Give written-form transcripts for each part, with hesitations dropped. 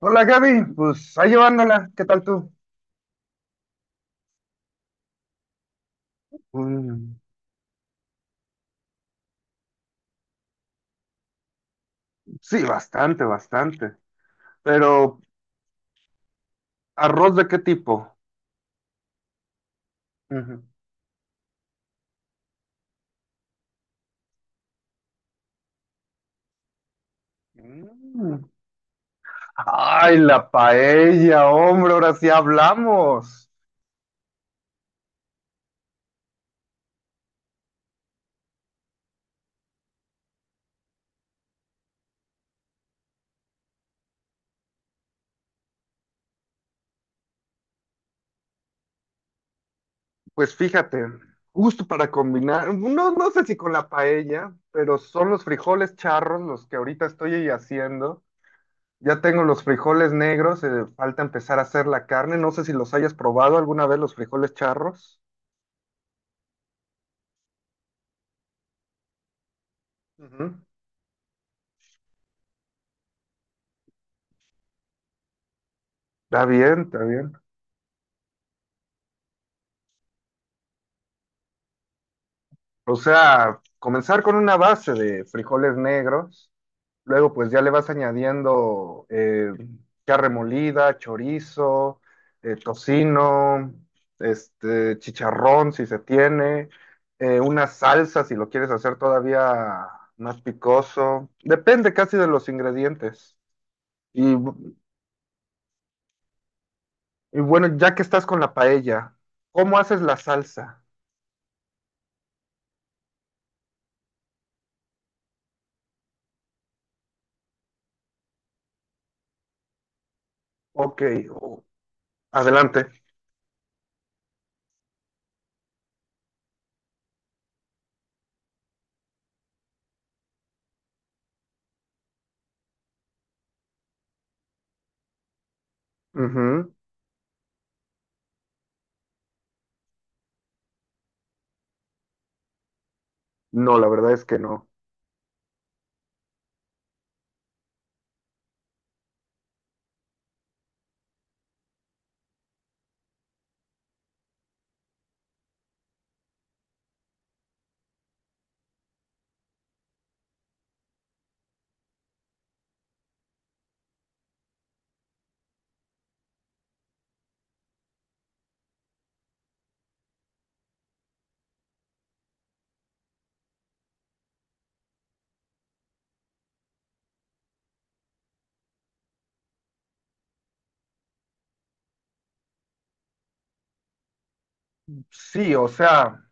Hola Gaby, pues ahí llevándola, ¿qué tal tú? Mm, sí, bastante, bastante. Pero, ¿arroz de qué tipo? Ujú. Mm. Ay, la paella, hombre, ahora sí hablamos. Pues fíjate, justo para combinar, no, no sé si con la paella, pero son los frijoles charros los que ahorita estoy haciendo. Ya tengo los frijoles negros, falta empezar a hacer la carne. No sé si los hayas probado alguna vez los frijoles charros. Ujú. Está bien, está bien. O sea, comenzar con una base de frijoles negros, luego pues ya le vas añadiendo carne molida, chorizo, tocino, chicharrón si se tiene, una salsa si lo quieres hacer todavía más picoso. Depende casi de los ingredientes. Y, bu- y bueno, ya que estás con la paella, ¿cómo haces la salsa? Ok, adelante. No, la verdad es que no. Sí, o sea,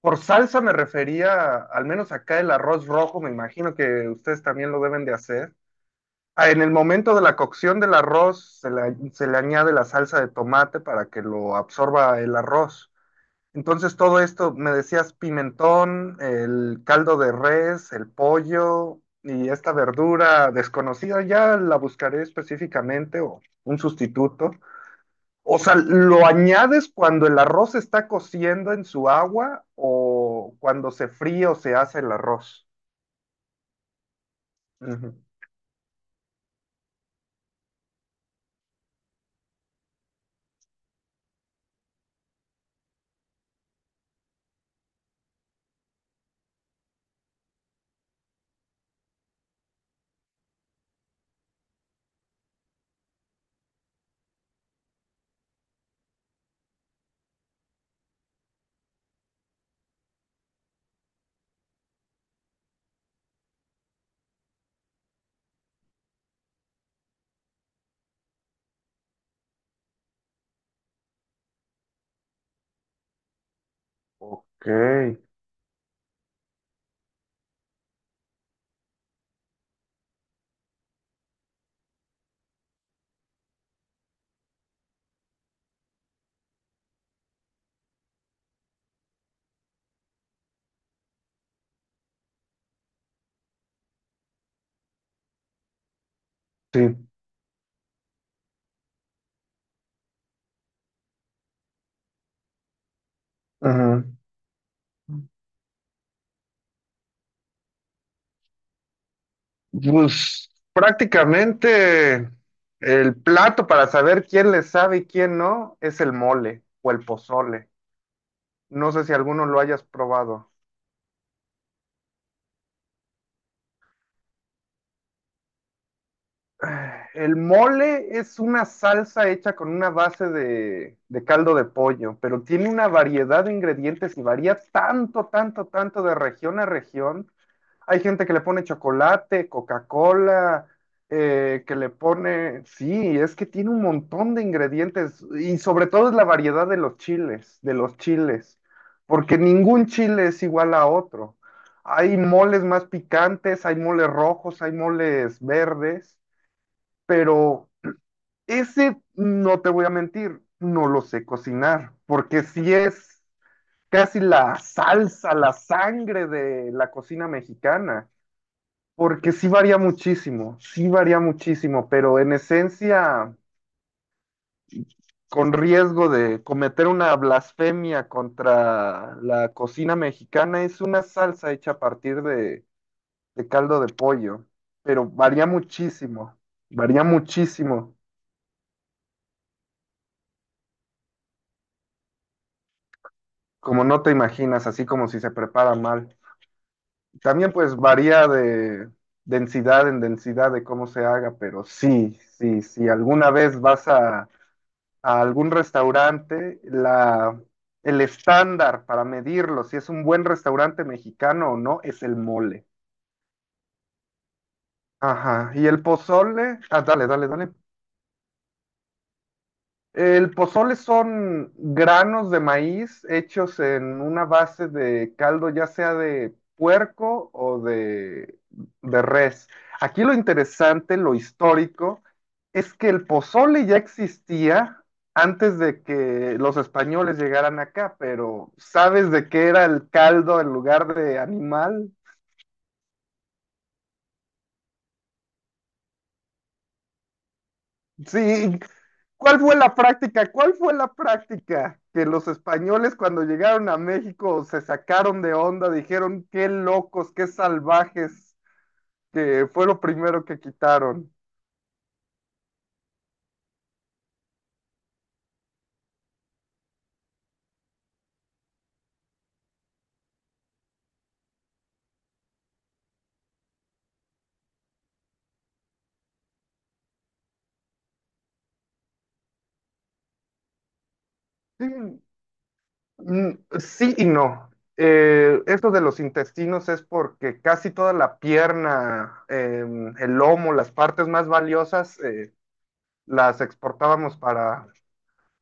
por salsa me refería, al menos acá el arroz rojo, me imagino que ustedes también lo deben de hacer. Ah, en el momento de la cocción del arroz se le añade la salsa de tomate para que lo absorba el arroz. Entonces todo esto, me decías pimentón, el caldo de res, el pollo y esta verdura desconocida, ya la buscaré específicamente o un sustituto. O sea, ¿lo añades cuando el arroz está cociendo en su agua o cuando se fríe o se hace el arroz? Ujú. Ok, sí. Ajá. Pues prácticamente el plato para saber quién le sabe y quién no es el mole o el pozole. No sé si alguno lo hayas probado. El mole es una salsa hecha con una base de caldo de pollo, pero tiene una variedad de ingredientes y varía tanto, tanto, tanto de región a región. Hay gente que le pone chocolate, Coca-Cola, que le pone, sí, es que tiene un montón de ingredientes y sobre todo es la variedad de los chiles, porque ningún chile es igual a otro. Hay moles más picantes, hay moles rojos, hay moles verdes, pero ese, no te voy a mentir, no lo sé cocinar, porque si es casi la salsa, la sangre de la cocina mexicana, porque sí varía muchísimo, pero en esencia, con riesgo de cometer una blasfemia contra la cocina mexicana, es una salsa hecha a partir de caldo de pollo, pero varía muchísimo, varía muchísimo. Como no te imaginas, así como si se prepara mal. También pues varía de densidad en densidad de cómo se haga, pero sí, sí, si alguna vez vas a algún restaurante, el estándar para medirlo, si es un buen restaurante mexicano o no, es el mole. Ajá, y el pozole, ah, dale, dale, dale. El pozole son granos de maíz hechos en una base de caldo, ya sea de puerco o de res. Aquí lo interesante, lo histórico, es que el pozole ya existía antes de que los españoles llegaran acá, pero ¿sabes de qué era el caldo en lugar de animal? Sí, ¿cuál fue la práctica? ¿Cuál fue la práctica que los españoles cuando llegaron a México se sacaron de onda, dijeron qué locos, qué salvajes, que fue lo primero que quitaron? Sí, mm, sí y no. Esto de los intestinos es porque casi toda la pierna, el lomo, las partes más valiosas, las exportábamos para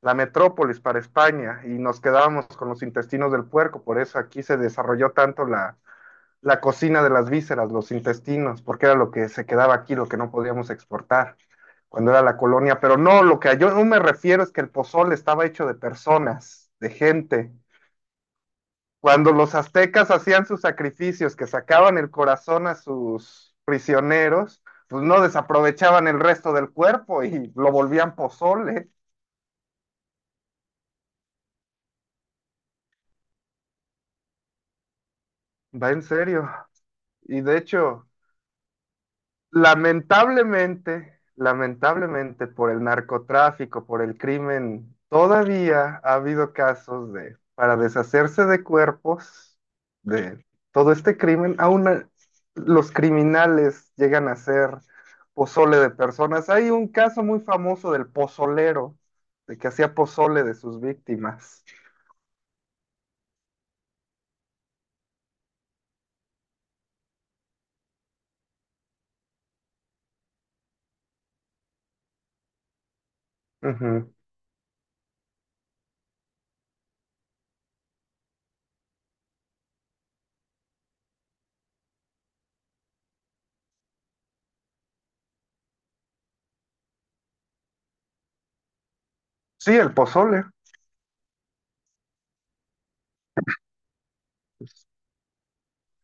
la metrópolis para España y nos quedábamos con los intestinos del puerco, por eso aquí se desarrolló tanto la cocina de las vísceras, los intestinos, porque era lo que se quedaba aquí, lo que no podíamos exportar cuando era la colonia, pero no, lo que yo no me refiero es que el pozole estaba hecho de personas, de gente. Cuando los aztecas hacían sus sacrificios, que sacaban el corazón a sus prisioneros, pues no desaprovechaban el resto del cuerpo y lo volvían pozole, va en serio. Y de hecho, Lamentablemente, lamentablemente por el narcotráfico, por el crimen, todavía ha habido casos de, para deshacerse de cuerpos, de todo este crimen, los criminales llegan a ser pozole de personas. Hay un caso muy famoso del pozolero, de que hacía pozole de sus víctimas. Ujú. Sí, el pozole.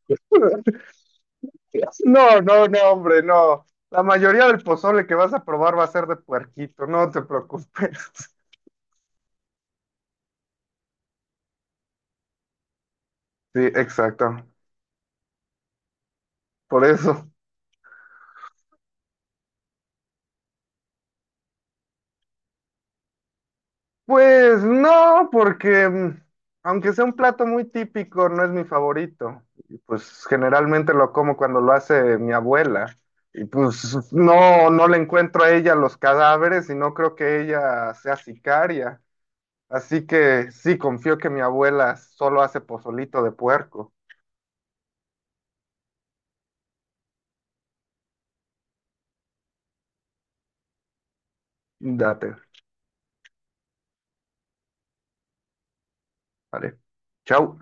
No, no, no, hombre, no. La mayoría del pozole que vas a probar va a ser de puerquito, no te preocupes. Sí, exacto. Por eso. Pues no, porque aunque sea un plato muy típico, no es mi favorito. Pues generalmente lo como cuando lo hace mi abuela. Y pues no, no le encuentro a ella los cadáveres y no creo que ella sea sicaria. Así que sí, confío que mi abuela solo hace pozolito de puerco. Date. Vale. Chao.